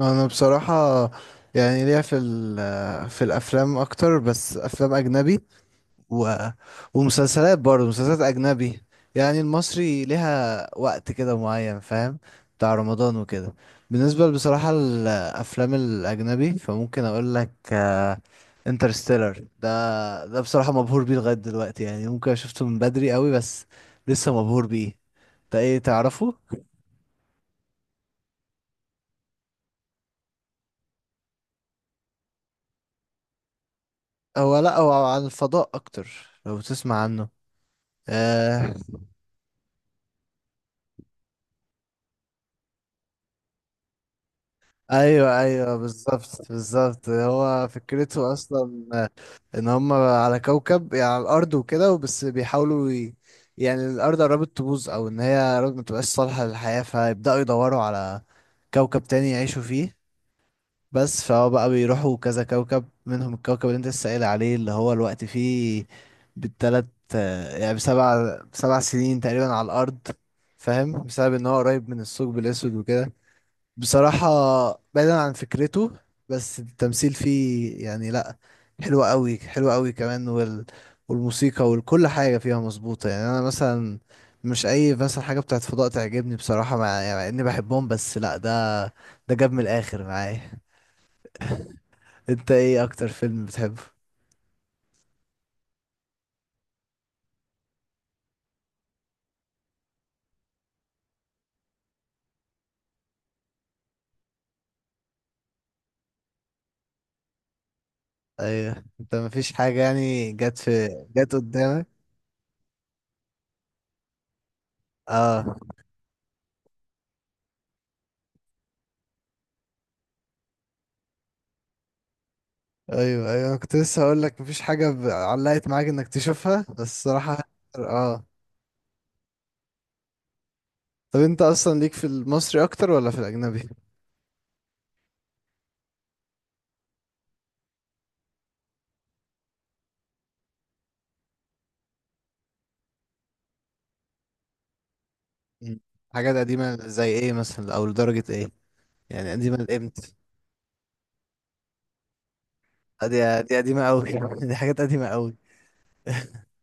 انا بصراحة، يعني ليا في في الافلام اكتر. بس افلام اجنبي و... ومسلسلات، برضه مسلسلات اجنبي. يعني المصري ليها وقت كده معين، فاهم؟ بتاع رمضان وكده. بالنسبة بصراحة الافلام الاجنبي فممكن اقول لك انترستيلر. ده بصراحة مبهور بيه لغاية دلوقتي. يعني ممكن شفته من بدري قوي، بس لسه مبهور بيه. ده ايه، تعرفه؟ هو لا، هو عن الفضاء اكتر. لو تسمع عنه. آه. ايوه ايوه بالظبط بالظبط، هو فكرته اصلا ان هم على كوكب، يعني على الارض وكده، وبس بيحاولوا يعني الارض قربت تبوظ، او ان هي قربت ما تبقاش صالحه للحياه، فيبداوا يدوروا على كوكب تاني يعيشوا فيه. بس فهو بقى بيروحوا كذا كوكب، منهم الكوكب اللي انت لسه قايل عليه، اللي هو الوقت فيه بالتلات. يعني بسبع سنين تقريبا على الارض، فاهم؟ بسبب ان هو قريب من الثقب الاسود وكده. بصراحة بعيدا عن فكرته، بس التمثيل فيه يعني لأ، حلو قوي حلو قوي كمان والموسيقى وكل حاجة فيها مظبوطة. يعني أنا مثلا مش أي مثلا حاجة بتاعت فضاء تعجبني بصراحة. يعني مع إني بحبهم، بس لأ، ده ده جاب من الآخر معايا. أنت إيه أكتر فيلم بتحبه؟ أيوه، أنت مفيش حاجة يعني جت في، جت قدامك؟ اه. ايوه ايوه، أنا كنت لسه هقول لك مفيش حاجه علقت معاك انك تشوفها، بس الصراحه اه. طب انت اصلا ليك في المصري اكتر ولا في الاجنبي؟ مم. حاجات قديمه زي ايه مثلا، او لدرجه ايه، يعني قديمه لامتى؟ دي دي قديمه قوي. دي حاجات قديمه قوي.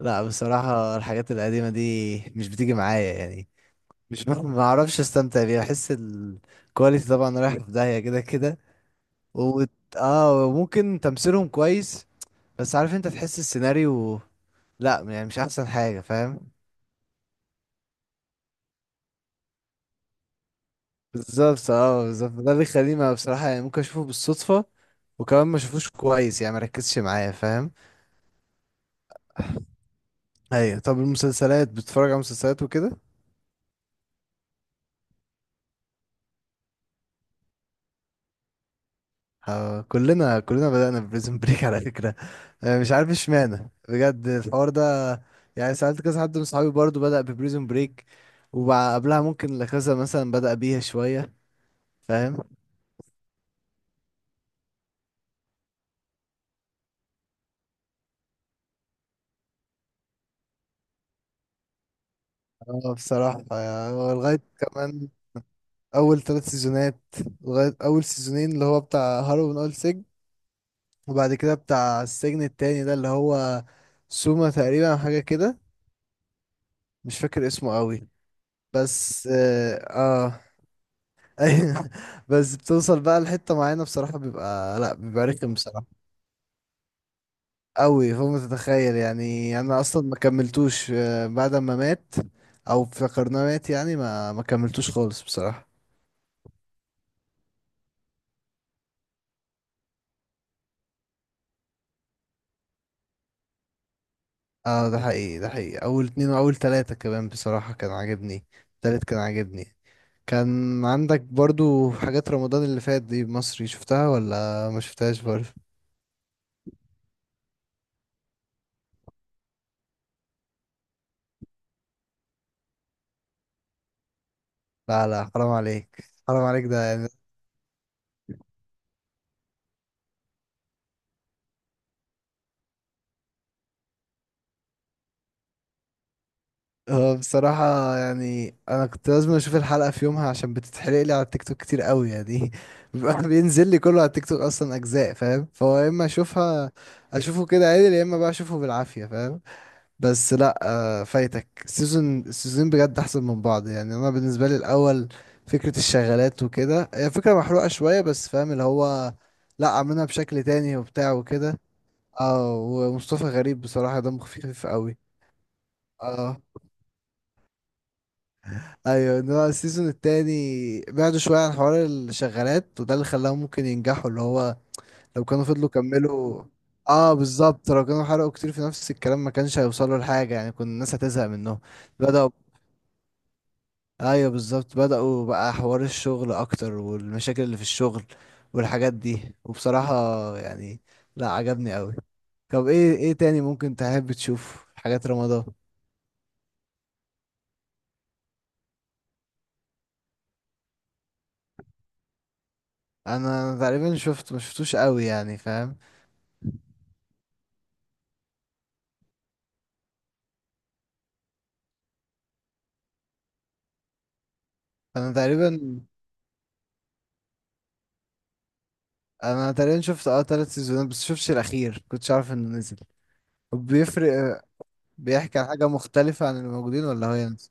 لا بصراحه الحاجات القديمه دي مش بتيجي معايا. يعني مش ما اعرفش استمتع بيها. بحس الكواليتي طبعا رايح في داهيه كده كده و... اه ممكن تمثيلهم كويس، بس عارف انت تحس السيناريو لا، يعني مش احسن حاجه، فاهم؟ بالظبط اه بالظبط، ده اللي يخليني بصراحة يعني ممكن اشوفه بالصدفة، وكمان ما اشوفوش كويس، يعني ما ركزش معايا، فاهم؟ ايوه. طب المسلسلات بتتفرج على مسلسلات وكده؟ ها، كلنا بدأنا بريزن بريك على فكرة. مش عارف اشمعنى بجد الحوار ده. يعني سألت كذا حد من صحابي برضو بدأ ببريزن بريك، وقبلها ممكن لكذا مثلا بدأ بيها شوية، فاهم؟ اه بصراحة يعني هو لغاية كمان أول 3 سيزونات، لغاية أول سيزونين، اللي هو بتاع هارو من أول سجن، وبعد كده بتاع السجن التاني، ده اللي هو سوما تقريبا أو حاجة كده. مش فاكر اسمه قوي. بس اه, آه. أيوة. بس بتوصل بقى لحتة معينة بصراحة، بيبقى لا بيبقى رخم بصراحة قوي فوق ما تتخيل. يعني انا اصلا ما كملتوش بعد ما مات او افتكرناه مات. يعني ما كملتوش خالص بصراحة. اه ده حقيقي ده حقيقي. اول اتنين واول تلاتة كمان بصراحة كان عاجبني. التالت كان عاجبني. كان عندك برضو حاجات رمضان اللي فات دي، مصري، شفتها ولا ما شفتهاش برضو؟ لا لا حرام عليك حرام عليك ده، يعني. هو بصراحة يعني أنا كنت لازم أشوف الحلقة في يومها عشان بتتحرق لي على التيك توك كتير قوي. يعني بيبقى بينزل لي كله على التيك توك أصلا أجزاء، فاهم؟ فهو يا إما أشوفها أشوفه كده عادي، يا إما بقى أشوفه بالعافية، فاهم؟ بس لا، فايتك السيزون السيزونين بجد احسن من بعض. يعني انا بالنسبه لي الاول، فكره الشغالات وكده هي فكره محروقه شويه، بس فاهم اللي هو لا، عاملينها بشكل تاني وبتاع وكده. اه، ومصطفى غريب بصراحه دمه خفيف قوي. اه ايوه، ان هو السيزون التاني بعدوا شويه عن حوار الشغالات، وده اللي خلاهم ممكن ينجحوا. اللي هو لو كانوا فضلوا كملوا، اه بالظبط، لو كانوا حرقوا كتير في نفس الكلام ما كانش هيوصلوا لحاجه. يعني كنا الناس هتزهق منهم. بدأوا ايوه بالظبط، بدأوا بقى حوار الشغل اكتر، والمشاكل اللي في الشغل والحاجات دي. وبصراحة يعني لا، عجبني قوي. طب ايه تاني ممكن تحب تشوف حاجات رمضان؟ انا تقريبا شفت ما شفتوش قوي، يعني فاهم. انا تقريبا انا تقريبا شفت اه 3 سيزونات، بس شفتش الاخير. كنتش عارف انه نزل وبيفرق. بيحكي عن حاجة مختلفة عن اللي موجودين ولا هو ينزل؟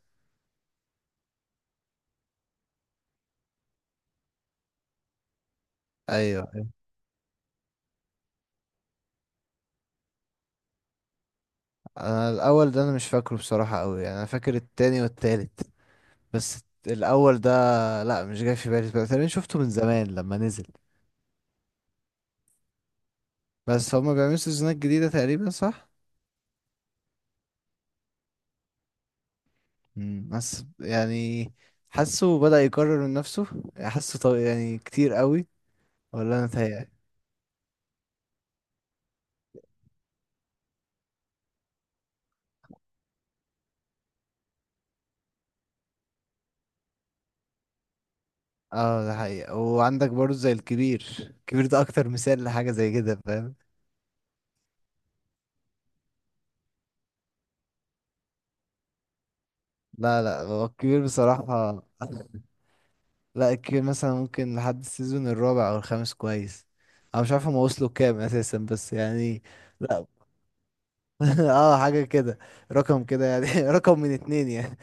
ايوه ايوه. انا الاول ده انا مش فاكره بصراحة قوي، يعني انا فاكر التاني والتالت، بس الاول ده لا، مش جاي في بالي. تقريبا شفته من زمان لما نزل. بس هما بيعملوا سيزونات جديدة تقريبا، صح؟ مم. بس يعني حاسه بدأ يكرر من نفسه، حاسه يعني كتير قوي. ولا انا متهيألي. اه ده حقيقة. وعندك برضه زي الكبير. الكبير ده اكتر مثال لحاجة زي كده، فاهم؟ لا لا، هو الكبير بصراحة. لا الكبير مثلا ممكن لحد السيزون الرابع او الخامس كويس. انا مش عارف هما وصلوا كام اساسا، بس يعني. لا اه حاجة كده، رقم كده. يعني رقم من اتنين يعني.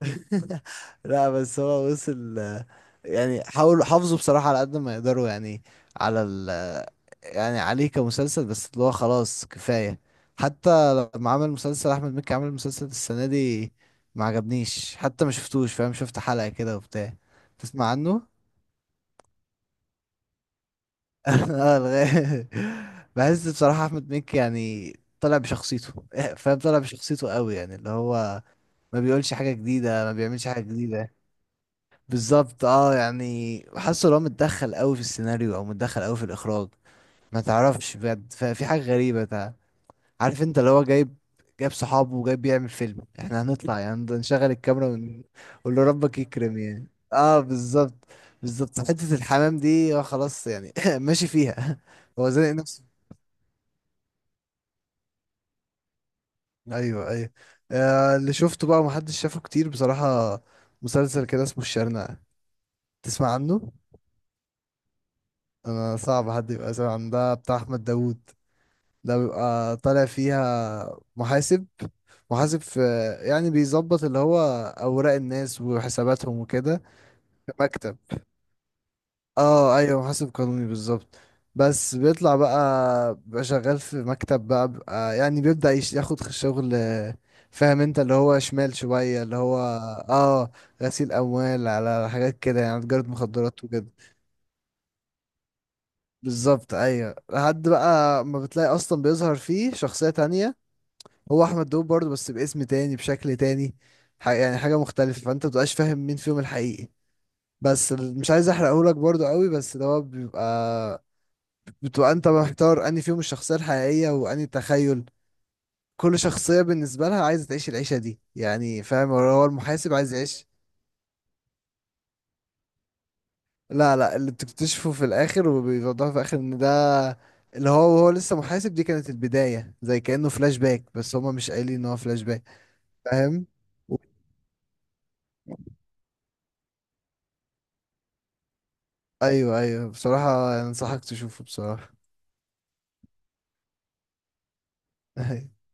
لا بس هو وصل يعني حاولوا حافظوا بصراحة على قد ما يقدروا، يعني على ال، يعني عليه كمسلسل. بس اللي هو خلاص كفاية. حتى لما عمل مسلسل أحمد مكي، عمل مسلسل السنة دي ما عجبنيش. حتى ما شفتوش، فاهم؟ شفت حلقة كده وبتاع. تسمع عنه؟ اه لغاية. بحس بصراحة أحمد مكي يعني طلع بشخصيته. فاهم، طلع بشخصيته قوي. يعني اللي هو ما بيقولش حاجة جديدة، ما بيعملش حاجة جديدة. بالظبط اه، يعني حاسه لو متدخل قوي في السيناريو او متدخل قوي في الاخراج، ما تعرفش بجد. ففي حاجة غريبة عارف انت اللي هو جايب، جايب صحابه وجايب بيعمل فيلم. احنا هنطلع يعني نشغل الكاميرا ونقول له ربك يكرم، يعني اه بالظبط. بالظبط حتة الحمام دي هو خلاص. يعني ماشي فيها. هو زانق نفسه. ايوه ايوه. آه، اللي شفته بقى ومحدش شافه كتير بصراحة، مسلسل كده اسمه الشرنقة، تسمع عنه؟ انا صعب حد يبقى سامع عن ده. بتاع احمد داوود. ده بيبقى طالع فيها محاسب، محاسب في، يعني بيظبط اللي هو اوراق الناس وحساباتهم وكده، في مكتب. اه ايوه محاسب قانوني بالظبط. بس بيطلع بقى، بيبقى شغال في مكتب بقى، بيبقى يعني بيبدأ ياخد شغل. فاهم انت، اللي هو شمال شوية، اللي هو اه غسيل اموال على حاجات كده، يعني تجارة مخدرات. بالظبط ايوه. لحد بقى ما بتلاقي اصلا بيظهر فيه شخصية تانية. هو احمد داوود برضه، بس باسم تاني بشكل تاني. يعني حاجة مختلفة. فانت مبتبقاش فاهم مين فيهم الحقيقي. بس مش عايز احرقهولك برضه قوي. بس ده هو بيبقى، بتبقى انت محتار انهي فيهم الشخصية الحقيقية وانهي تخيل. كل شخصية بالنسبة لها عايزة تعيش العيشة دي. يعني فاهم، هو المحاسب عايز يعيش. لا لا، اللي بتكتشفه في الاخر وبيوضحوا في الاخر ان ده اللي هو، وهو لسه محاسب، دي كانت البداية زي كأنه فلاش باك، بس هما مش قايلين ان هو فلاش باك، فاهم؟ و- ايوه ايوه بصراحة انصحك تشوفه بصراحة.